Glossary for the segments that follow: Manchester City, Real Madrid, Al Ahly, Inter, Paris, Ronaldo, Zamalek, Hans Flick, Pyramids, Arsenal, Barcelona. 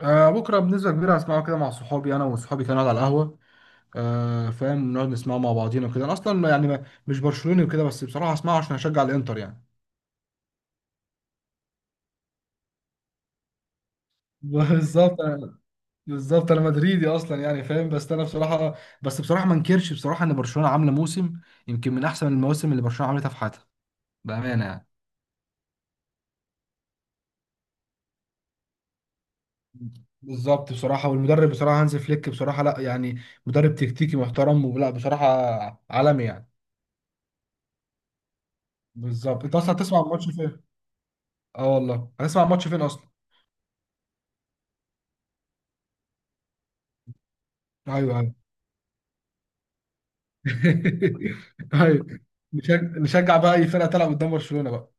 آه بكره بنسبه كبيره هسمعه كده مع صحابي انا وصحابي كانوا على القهوه. آه فاهم، نقعد نسمعه مع بعضينا وكده. انا اصلا يعني مش برشلوني وكده، بس بصراحه هسمعه عشان هشجع الانتر يعني. بالظبط بالظبط انا مدريدي اصلا يعني فاهم، بس انا بصراحه، بس بصراحه ما انكرش بصراحه ان برشلونه عامله موسم، يمكن من احسن المواسم اللي برشلونه عملتها في حياتها، بامانه يعني. بالظبط بصراحه، والمدرب بصراحه هانز فليك بصراحه، لا يعني مدرب تكتيكي محترم، ولا بصراحه عالمي يعني. بالظبط، انت اصلا هتسمع الماتش فين؟ اه والله هتسمع الماتش فين اصلا؟ ايوه ايوه. ايوه، نشجع نشجع بقى اي فرقه تلعب قدام برشلونه بقى.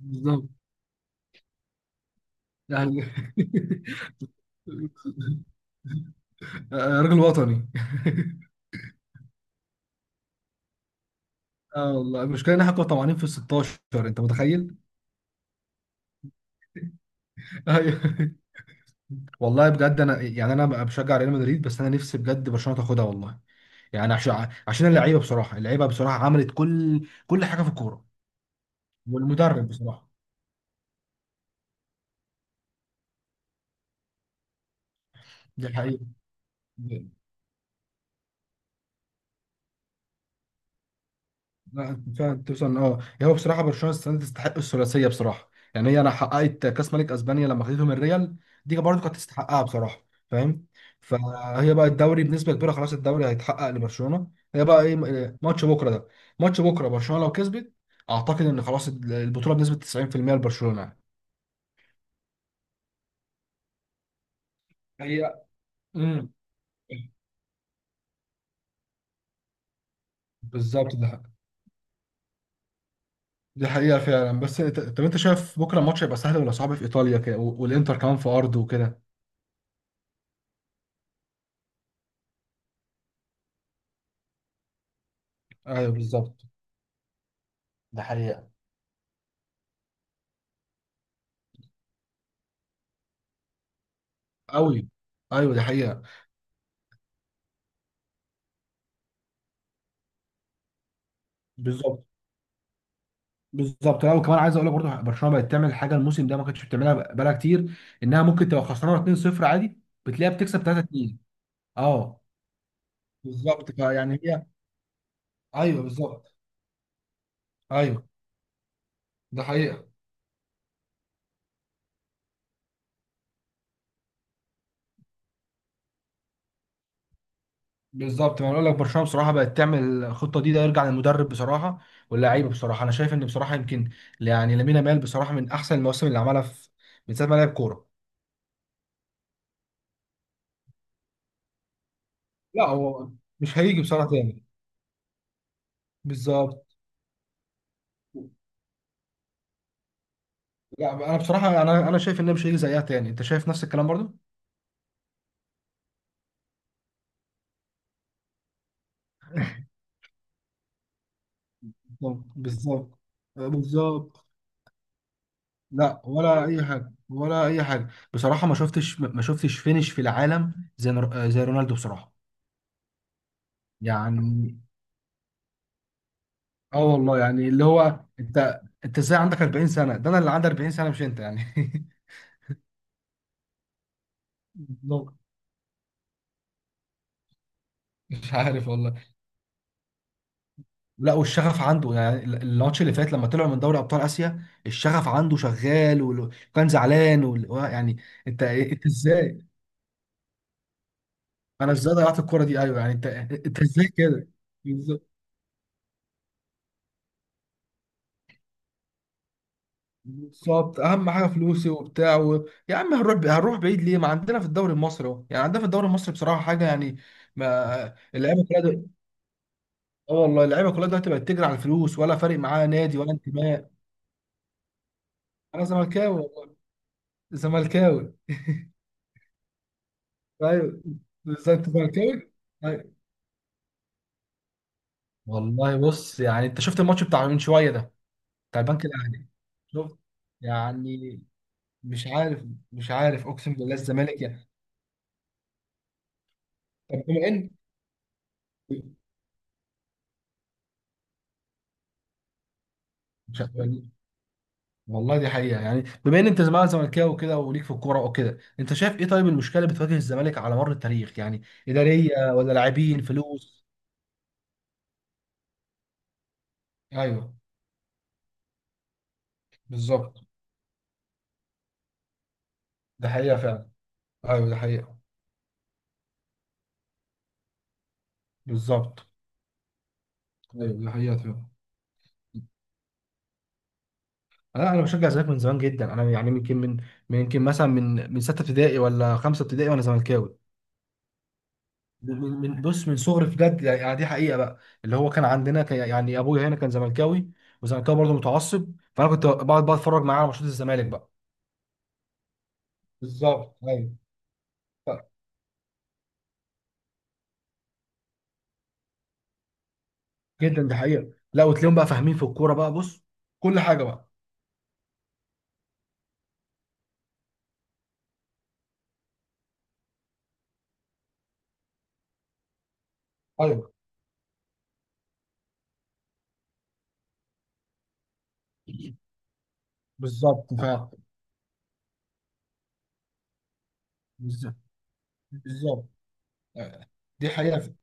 بالظبط يعني. راجل وطني. اه والله، المشكله ان احنا كنا طمعانين في ال 16، انت متخيل؟ ايوه. والله بجد، انا يعني انا بقى بشجع ريال مدريد، بس انا نفسي بجد برشلونه تاخدها والله. يعني عشان عشان اللعيبه بصراحه، اللعيبه بصراحه عملت كل كل حاجه في الكوره، والمدرب بصراحه. دي حقيقه، لا فعلا توصل. اه يعني هو بصراحه برشلونه السنه دي تستحق الثلاثيه بصراحه، يعني هي انا حققت كاس ملك اسبانيا لما خدتهم الريال، دي برضه كانت تستحقها بصراحه، فاهم؟ فهي بقى الدوري بنسبه كبيره خلاص، الدوري هيتحقق لبرشلونه. هي بقى ايه ماتش بكره ده؟ ماتش بكره برشلونه لو كسبت، اعتقد ان خلاص البطوله بنسبه 90% لبرشلونه يعني. هي امم بالظبط ده، دي حقيقه فعلا. بس طب انت شايف بكره الماتش هيبقى سهل ولا صعب، في ايطاليا كده والانتر كمان في ارضه وكده؟ ايوه بالظبط، ده حقيقة قوي. ايوه دي حقيقه. بالظبط بالظبط، لا وكمان عايز اقول لك برضه، برشلونه بقت تعمل حاجه الموسم ده ما كانتش بتعملها بقالها كتير، انها ممكن تبقى خسرانه 2-0 عادي، بتلاقيها بتكسب 3-2. اه بالظبط، فيعني هي. ايوه بالظبط. ايوه ده حقيقه. بالظبط، ما انا اقول لك برشلونه بصراحه بقت تعمل الخطه دي، ده يرجع للمدرب بصراحه واللعيبه بصراحه. انا شايف ان بصراحه يمكن يعني لامين يامال بصراحه من احسن المواسم اللي عملها، في من ساعه ما لعب كوره. لا هو مش هيجي بصراحه تاني. بالظبط، لا انا بصراحه، انا شايف ان مش هيجي زيها تاني. انت شايف نفس الكلام برضو؟ بالظبط بالظبط بالظبط. لا ولا اي حاجه، ولا اي حاجه بصراحه. ما شفتش فينش في العالم زي زي رونالدو بصراحه يعني. اه والله يعني، اللي هو انت ازاي عندك 40 سنه؟ ده انا اللي عندي 40 سنه مش انت يعني. بالظبط، مش عارف والله. لا والشغف عنده يعني، الماتش اللي فات لما طلعوا من دوري ابطال اسيا، الشغف عنده شغال وكان زعلان يعني. انت ازاي، انا ازاي ضيعت الكرة دي؟ ايوه يعني، انت ازاي كده. بالظبط. بالظبط، اهم حاجه فلوسي وبتاع يا عم، هنروح هنروح بعيد ليه؟ ما عندنا في الدوري المصري اهو، يعني عندنا في الدوري المصري بصراحه حاجه يعني. ما اللعيبه كلها اه والله، اللعيبه كلها دلوقتي بقت تجري على الفلوس، ولا فارق معاها نادي ولا انتماء. انا زملكاوي والله. زملكاوي ايوه. ازاي انت زملكاوي؟ أيوة. والله بص يعني، انت شفت الماتش بتاع من شويه ده بتاع البنك الاهلي؟ شفت يعني، مش عارف، مش عارف، اقسم بالله الزمالك يعني. طب بما ان مش- والله دي حقيقه، يعني بما ان انت زمان زملكاوي وكده وليك في الكوره وكده، انت شايف ايه طيب المشكله اللي بتواجه الزمالك على مر التاريخ، يعني اداريه ولا لاعبين فلوس؟ ايوه بالظبط ده حقيقه فعلا. ايوه ده حقيقه. بالظبط، ايوه ده حقيقه فعلا. لا انا بشجع الزمالك من زمان جدا، انا يعني يمكن من، يمكن مثلا من سته ابتدائي ولا خمسه ابتدائي، وانا زملكاوي. بص من صغري بجد، يعني دي حقيقه بقى. اللي هو كان عندنا كان يعني ابويا هنا كان زملكاوي، وزملكاوي برضه متعصب، فانا كنت بقعد بقى اتفرج معاه على ماتشات الزمالك بقى. بالظبط ايوه. ف- جدا دي حقيقه. لا وتلاقيهم بقى فاهمين في الكوره بقى، بص كل حاجه بقى. ايوه بالظبط. بالظبط بالظبط. دي حقيقه.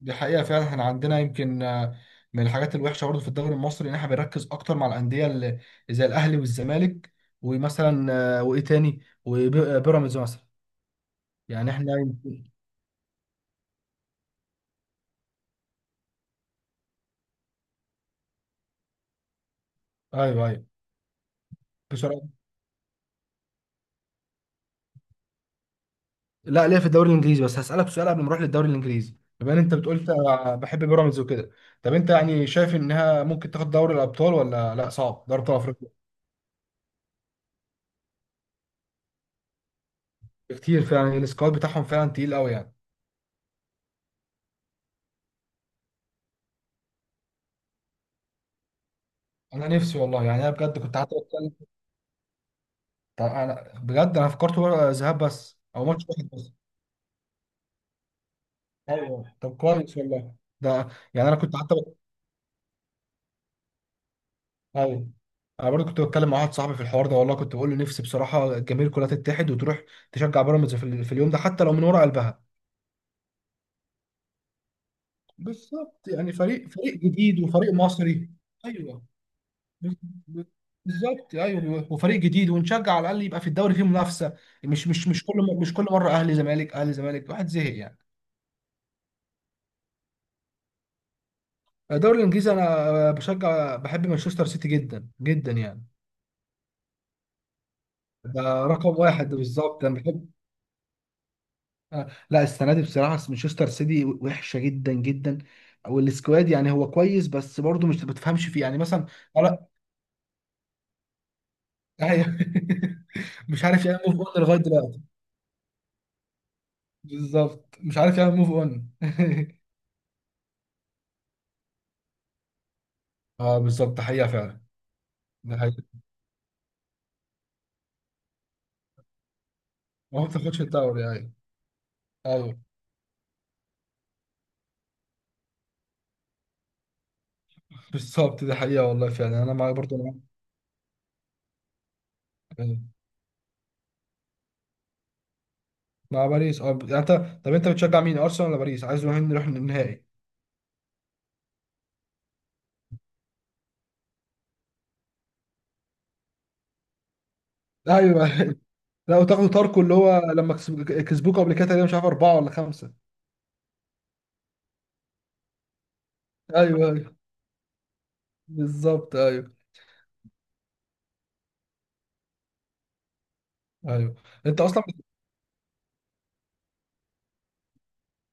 دي حقيقة فعلا، احنا عندنا يمكن من الحاجات الوحشة برضه في الدوري المصري، ان احنا بنركز اكتر مع الأندية اللي زي الأهلي والزمالك، ومثلا وايه تاني، وبيراميدز مثلا. يعني احنا يمكن. ايوه ايوه. بسرعة. لا ليه، في الدوري الانجليزي بس هسألك سؤال قبل ما نروح للدوري الانجليزي، بما ان انت بتقول انت بحب بيراميدز وكده، طب انت يعني شايف انها ممكن تاخد دوري الابطال ولا لا؟ صعب دوري ابطال افريقيا. كتير فعلا، السكواد بتاعهم فعلا تقيل قوي يعني. انا نفسي والله، يعني انا بجد كنت قعدت. طب انا بجد، انا فكرت ذهاب بس، او ماتش واحد بس. ايوه طب كويس والله. ده يعني انا كنت حتى ايوه، انا برضه كنت بتكلم مع واحد صاحبي في الحوار ده والله، كنت بقول له نفسي بصراحه الجماهير كلها تتحد وتروح تشجع بيراميدز في، في اليوم ده، حتى لو من ورا قلبها. بالظبط، يعني فريق، فريق جديد وفريق مصري. ايوه. بز- ب- بالظبط ايوه، وفريق جديد ونشجع، على الاقل يبقى في الدوري فيه منافسه. مش كل مره اهلي زمالك اهلي زمالك، واحد زهق يعني. الدوري الانجليزي انا بشجع، بحب مانشستر سيتي جدا جدا يعني. ده رقم واحد، بالظبط انا بحب. لا السنه دي بصراحه مانشستر سيتي وحشه جدا جدا، والسكواد يعني هو كويس بس برضه مش بتفهمش فيه يعني مثلا. لا. أيوه. مش عارف يعمل موف اون لغايه دلوقتي. بالظبط، مش عارف يعمل موف اون. اه بالظبط، حقيقه فعلا. ده حقيقه. ما هو ما بتاخدش الدوري ايوه. ايوه بالظبط، ده حقيقه والله فعلا، انا معاك برضه، أنا معاك. مع باريس، اه يعني انت، طب انت بتشجع مين، ارسنال ولا باريس؟ عايز نروح، نروح النهائي. ايوه. لا وتاخدوا تاركو اللي هو لما كسبوك قبل كده، تقريبا مش عارف اربعه ولا خمسه. ايوه ايوه. بالظبط ايوه. ايوه. انت اصلا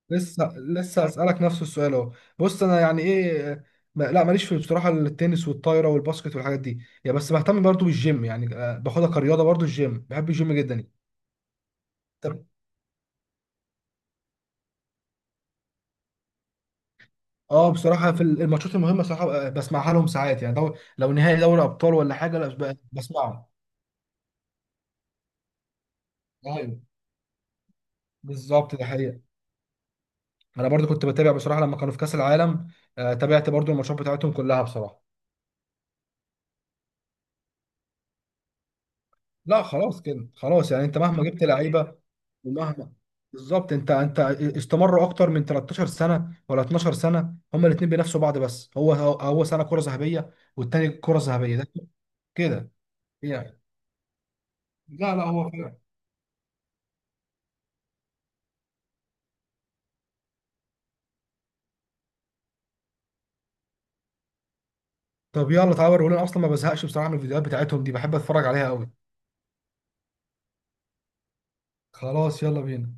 لسه لسه اسالك نفس السؤال اهو. بص انا يعني ايه، لا ماليش في بصراحه التنس والطايره والباسكت والحاجات دي، يا بس بهتم برضو بالجيم يعني، باخدها كرياضه برضو، الجيم بحب الجيم جدا. اه بصراحه في الماتشات المهمه صراحه بسمعها لهم ساعات يعني، لو نهائي دوري ابطال ولا حاجه، لا بسمعه. ايوه بالظبط ده حقيقه. انا برضو كنت بتابع بصراحه لما كانوا في كاس العالم، تابعت برضو الماتشات بتاعتهم كلها بصراحه. لا خلاص كده، خلاص يعني انت مهما جبت لعيبه ومهما، بالظبط. انت استمروا اكتر من 13 سنه ولا 12 سنه، هما الاثنين بينافسوا بعض، بس هو، هو هو سنه كره ذهبيه والتاني كره ذهبيه، ده كده يعني. لا لا هو، طب يلا تعالى وريهولي، انا اصلا ما بزهقش بصراحه من الفيديوهات بتاعتهم دي، بحب اتفرج عليها قوي. خلاص يلا بينا.